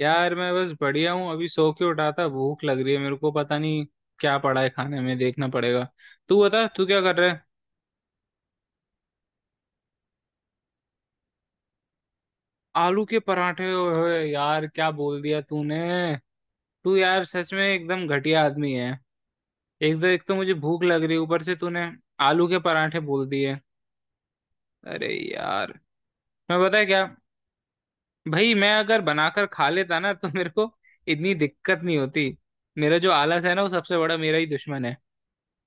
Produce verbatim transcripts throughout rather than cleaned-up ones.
यार मैं बस बढ़िया हूँ। अभी सो के उठा था, भूख लग रही है, मेरे को पता नहीं क्या पड़ा है खाने में, देखना पड़ेगा। तू बता, तू क्या कर रहा है। आलू के पराठे? ओए यार, क्या बोल दिया तूने। तू यार सच में एकदम घटिया आदमी है। एक तो एक तो मुझे भूख लग रही है, ऊपर से तूने आलू के पराठे बोल दिए। अरे यार। मैं पता है क्या, भाई मैं अगर बनाकर खा लेता ना तो मेरे को इतनी दिक्कत नहीं होती। मेरा जो आलस है ना, वो सबसे बड़ा मेरा ही दुश्मन है।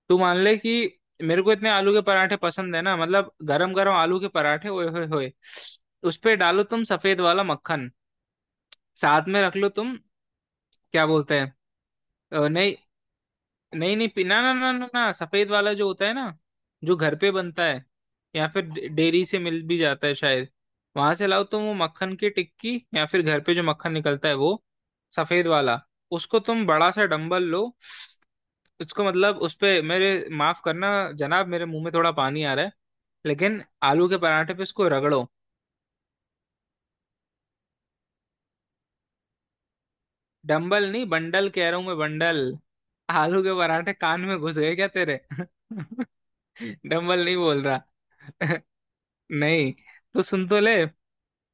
तू मान ले कि मेरे को इतने आलू के पराठे पसंद है ना। मतलब गरम गरम आलू के पराठे, ओए होए होए। उस पे डालो तुम सफेद वाला मक्खन, साथ में रख लो तुम। क्या बोलते हैं। अ, नहीं, नहीं नहीं पी- ना ना ना ना ना, सफेद वाला जो होता है ना, जो घर पे बनता है, या फिर डे- डेयरी से मिल भी जाता है शायद। वहां से लाओ तुम वो मक्खन की टिक्की, या फिर घर पे जो मक्खन निकलता है, वो सफेद वाला। उसको तुम बड़ा सा डंबल लो। उसको मतलब उस पे मेरे, माफ करना जनाब, मेरे मुंह में थोड़ा पानी आ रहा है। लेकिन आलू के पराठे पे इसको रगड़ो। डंबल नहीं, बंडल कह रहा हूं मैं, बंडल। आलू के पराठे कान में घुस गए क्या तेरे? डंबल नहीं बोल रहा। नहीं। तो सुन तो ले।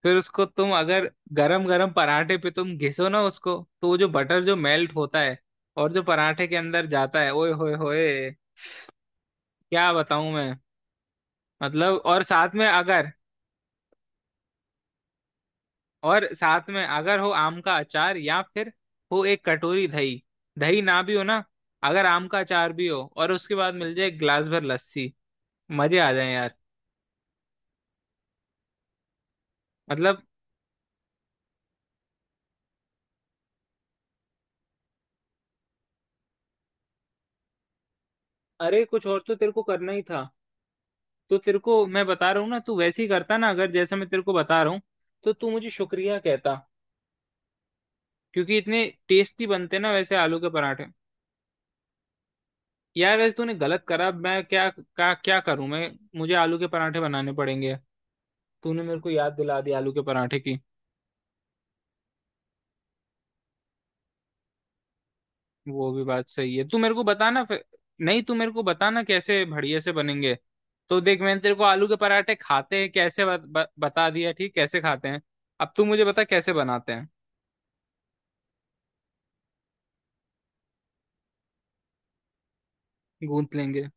फिर उसको तुम अगर गरम गरम पराठे पे तुम घिसो ना उसको, तो वो जो बटर जो मेल्ट होता है और जो पराठे के अंदर जाता है, ओए होए होए। क्या बताऊं मैं। मतलब और साथ में अगर और साथ में अगर हो आम का अचार, या फिर हो एक कटोरी दही। दही ना भी हो ना, अगर आम का अचार भी हो, और उसके बाद मिल जाए एक गिलास भर लस्सी, मजे आ जाए यार। मतलब। अरे कुछ और तो तेरे को करना ही था। तो तेरे को मैं बता रहा हूँ ना, तू वैसे ही करता ना अगर, जैसे मैं तेरे को बता रहा हूँ, तो तू मुझे शुक्रिया कहता। क्योंकि इतने टेस्टी बनते ना वैसे आलू के पराठे। यार वैसे तूने गलत करा। मैं क्या क्या क्या करूं मैं, मुझे आलू के पराठे बनाने पड़ेंगे। तूने मेरे को याद दिला दी आलू के पराठे की। वो भी बात सही है, तू मेरे को बताना फिर। नहीं, तू मेरे को बताना कैसे बढ़िया से बनेंगे। तो देख, मैंने तेरे को आलू के पराठे खाते हैं कैसे बत, ब, बता दिया ठीक, कैसे खाते हैं। अब तू मुझे बता कैसे बनाते हैं। गूंथ लेंगे।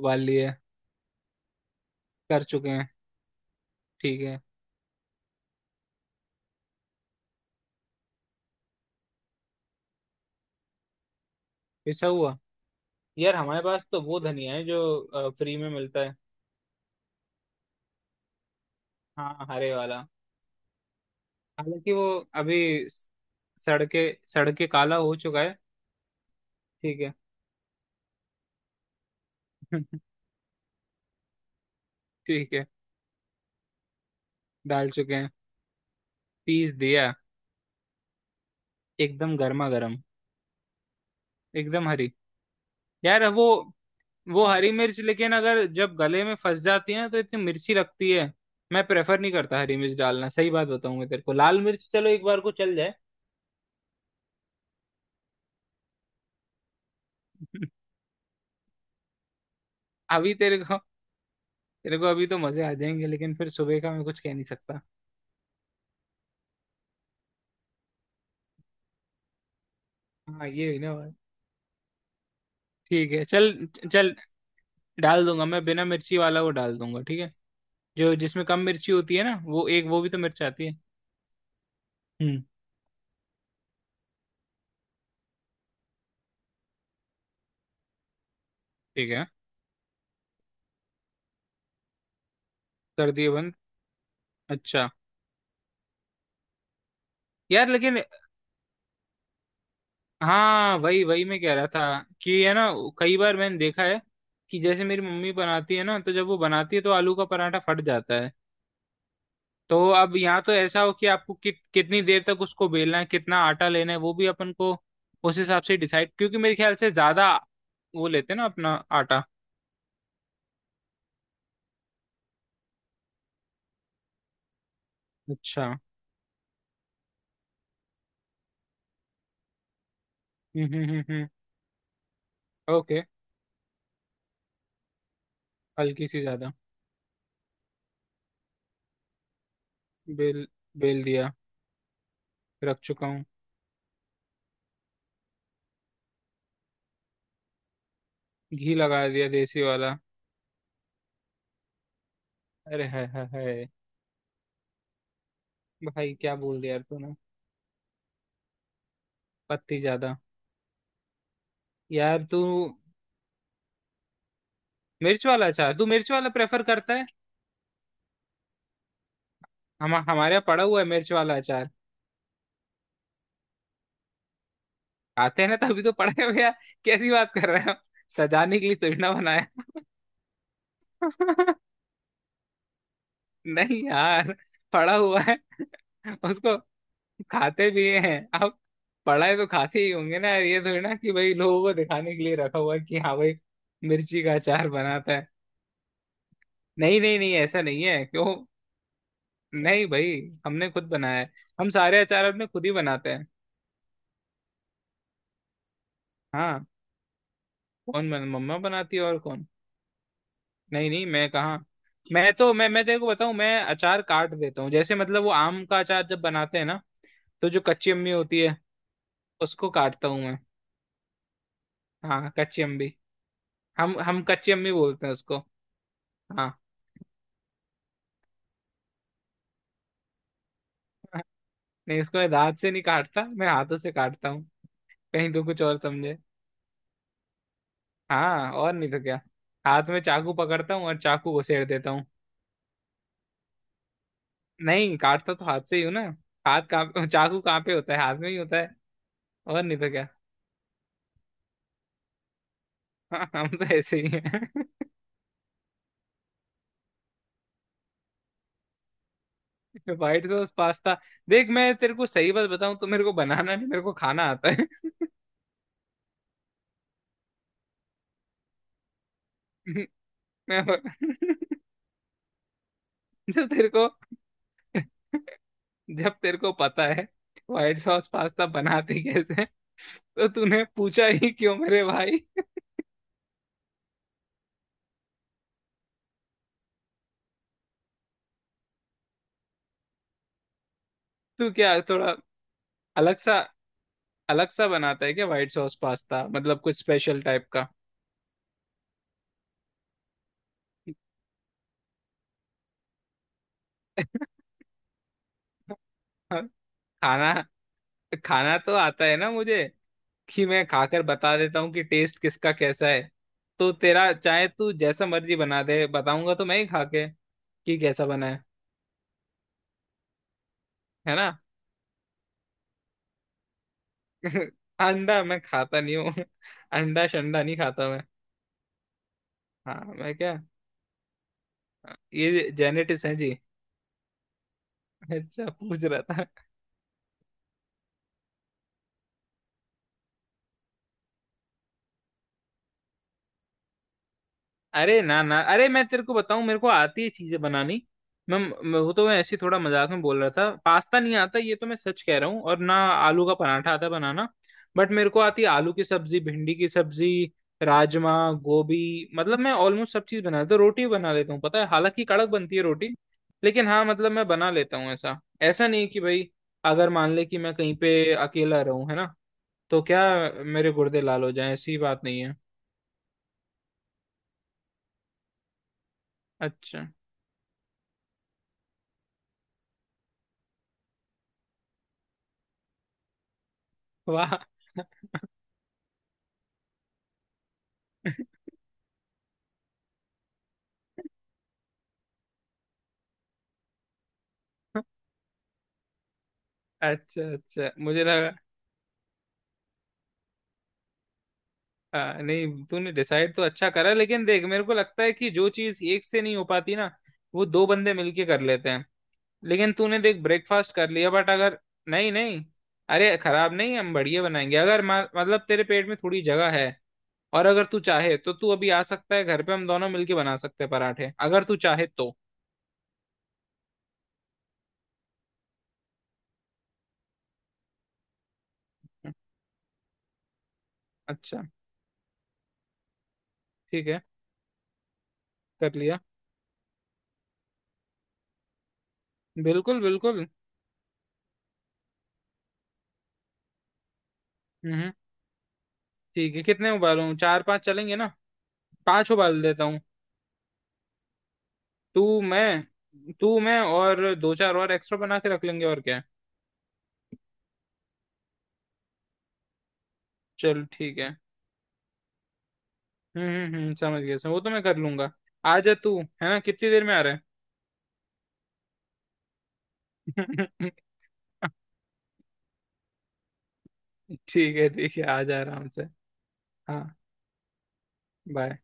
उबाल लिए। कर चुके हैं। ठीक है। ऐसा हुआ? यार हमारे पास तो वो धनिया है जो फ्री में मिलता है। हाँ, हरे वाला। हालांकि वो अभी सड़ के सड़ के काला हो चुका है। ठीक है। ठीक है। डाल चुके हैं। पीस दिया। एकदम गर्मा गर्म। एकदम हरी। यार वो वो हरी मिर्च लेकिन अगर जब गले में फंस जाती है ना, तो इतनी मिर्ची लगती है। मैं प्रेफर नहीं करता हरी मिर्च डालना। सही बात बताऊंगा तेरे को, लाल मिर्च चलो एक बार को चल जाए। अभी तेरे को तेरे को अभी तो मजे आ जाएंगे, लेकिन फिर सुबह का मैं कुछ कह नहीं सकता। हाँ ये ही ना भाई। ठीक है चल। चल। डाल दूंगा मैं बिना मिर्ची वाला, वो डाल दूंगा। ठीक है, जो जिसमें कम मिर्ची होती है ना, वो एक, वो भी तो मिर्च आती है। हम्म। ठीक है। कर दिए बंद। अच्छा। यार लेकिन, हाँ वही वही मैं कह रहा था कि, है ना, कई बार मैंने देखा है कि जैसे मेरी मम्मी बनाती है ना, तो जब वो बनाती है तो आलू का पराठा फट जाता है। तो अब यहाँ तो ऐसा हो कि आपको कि, कितनी देर तक उसको बेलना है, कितना आटा लेना है, वो भी अपन को उस हिसाब से डिसाइड, क्योंकि मेरे ख्याल से ज्यादा वो लेते हैं ना अपना आटा। अच्छा। हम्म हम्म हम्म हम्म। ओके। हल्की सी ज्यादा। बेल बेल दिया। रख चुका हूँ। घी लगा दिया देसी वाला। अरे है है है। भाई क्या बोल दिया यार तूने। पत्ती ज्यादा। यार तू, मिर्च वाला अचार, तू मिर्च वाला प्रेफर करता है? हम हमारे यहाँ पड़ा हुआ है मिर्च वाला अचार। खाते हैं ना तभी तो पड़े हुए हैं। कैसी बात कर रहे हो, सजाने के लिए थोड़ी ना बनाया। नहीं यार, पड़ा हुआ है, उसको खाते भी हैं आप, पढ़ाए तो खाते ही होंगे ना, ये थोड़ी ना कि भाई लोगों को दिखाने के लिए रखा हुआ है कि हाँ भाई मिर्ची का अचार बनाता है। नहीं नहीं नहीं, ऐसा नहीं है। क्यों, नहीं भाई, हमने खुद बनाया है। हम सारे अचार अपने खुद ही बनाते हैं। हाँ। कौन बन, मम्मा बनाती है, और कौन। नहीं नहीं, मैं कहाँ। मैं तो, मैं मैं तेरे को बताऊं, मैं अचार काट देता हूँ जैसे, मतलब वो आम का अचार जब बनाते हैं ना, तो जो कच्ची अम्मी होती है, उसको काटता हूँ मैं। हाँ कच्ची अम्मी। हम हम कच्ची अम्मी बोलते हैं उसको। हाँ। नहीं, उसको मैं दांत से नहीं काटता, मैं हाथों से काटता हूँ। कहीं तो कुछ और समझे। हाँ और नहीं तो क्या, हाथ में चाकू पकड़ता हूँ और चाकू को सेड़ देता हूँ। नहीं, काटता तो हाथ से ही हूँ ना। हाथ कहाँ, चाकू कहाँ पे होता है, हाथ में ही होता है। और नहीं तो क्या। हाँ, हम तो ऐसे ही हैं। White sauce pasta. देख मैं तेरे को सही बात बताऊं, तो मेरे को बनाना नहीं, मेरे को खाना आता है। मैं तो तेरे को जब तेरे को पता है व्हाइट सॉस पास्ता बनाते कैसे हैं, तो तूने पूछा ही क्यों मेरे भाई। तू क्या थोड़ा अलग सा, अलग सा बनाता है क्या व्हाइट सॉस पास्ता, मतलब कुछ स्पेशल टाइप का। खाना खाना तो आता है ना मुझे, कि मैं खाकर बता देता हूँ कि टेस्ट किसका कैसा है। तो तेरा चाहे तू जैसा मर्जी बना दे, बताऊंगा तो मैं ही खा के कि कैसा बना है। है ना। अंडा मैं खाता नहीं हूँ। अंडा शंडा नहीं खाता मैं। हाँ मैं क्या, ये जेनेटिक्स है जी। अच्छा, पूछ रहा था। अरे ना ना, अरे मैं तेरे को बताऊं, मेरे को आती है चीजें बनानी। मैं, मैं वो तो मैं ऐसे ही थोड़ा मजाक में बोल रहा था, पास्ता नहीं आता ये तो मैं सच कह रहा हूँ, और ना आलू का पराठा आता बनाना। बट मेरे को आती है आलू की सब्जी, भिंडी की सब्जी, राजमा, गोभी, मतलब मैं ऑलमोस्ट सब चीज बना लेता हूँ। रोटी भी बना लेता हूँ पता है, हालांकि कड़क बनती है रोटी, लेकिन हाँ मतलब मैं बना लेता हूँ। ऐसा ऐसा नहीं कि भाई, अगर मान ले कि मैं कहीं पे अकेला रहूं, है ना, तो क्या मेरे गुर्दे लाल हो जाएं, ऐसी बात नहीं है। अच्छा। वाह। अच्छा अच्छा, मुझे लगा, आ, नहीं, तूने डिसाइड तो अच्छा करा, लेकिन देख मेरे को लगता है कि जो चीज एक से नहीं हो पाती ना, वो दो बंदे मिलके कर लेते हैं। लेकिन तूने देख ब्रेकफास्ट कर लिया, बट अगर, नहीं नहीं, अरे खराब नहीं, हम बढ़िया बनाएंगे अगर, मा- मतलब तेरे पेट में थोड़ी जगह है, और अगर तू चाहे तो तू अभी आ सकता है घर पे, हम दोनों मिलके बना सकते हैं पराठे, अगर तू चाहे तो। अच्छा। ठीक है, कर लिया। बिल्कुल बिल्कुल। हम्म। ठीक है, कितने उबालूं, चार पांच चलेंगे ना, पांच उबाल देता हूँ। तू मैं, तू मैं और दो चार और एक्स्ट्रा बना के रख लेंगे, और क्या है। चल ठीक है। हम्म हम्म हम्म, समझ गया, समझ वो तो मैं कर लूंगा। आ जा तू, है ना, कितनी देर में आ रहा है। ठीक है ठीक है, आ जा आराम से। हाँ, बाय।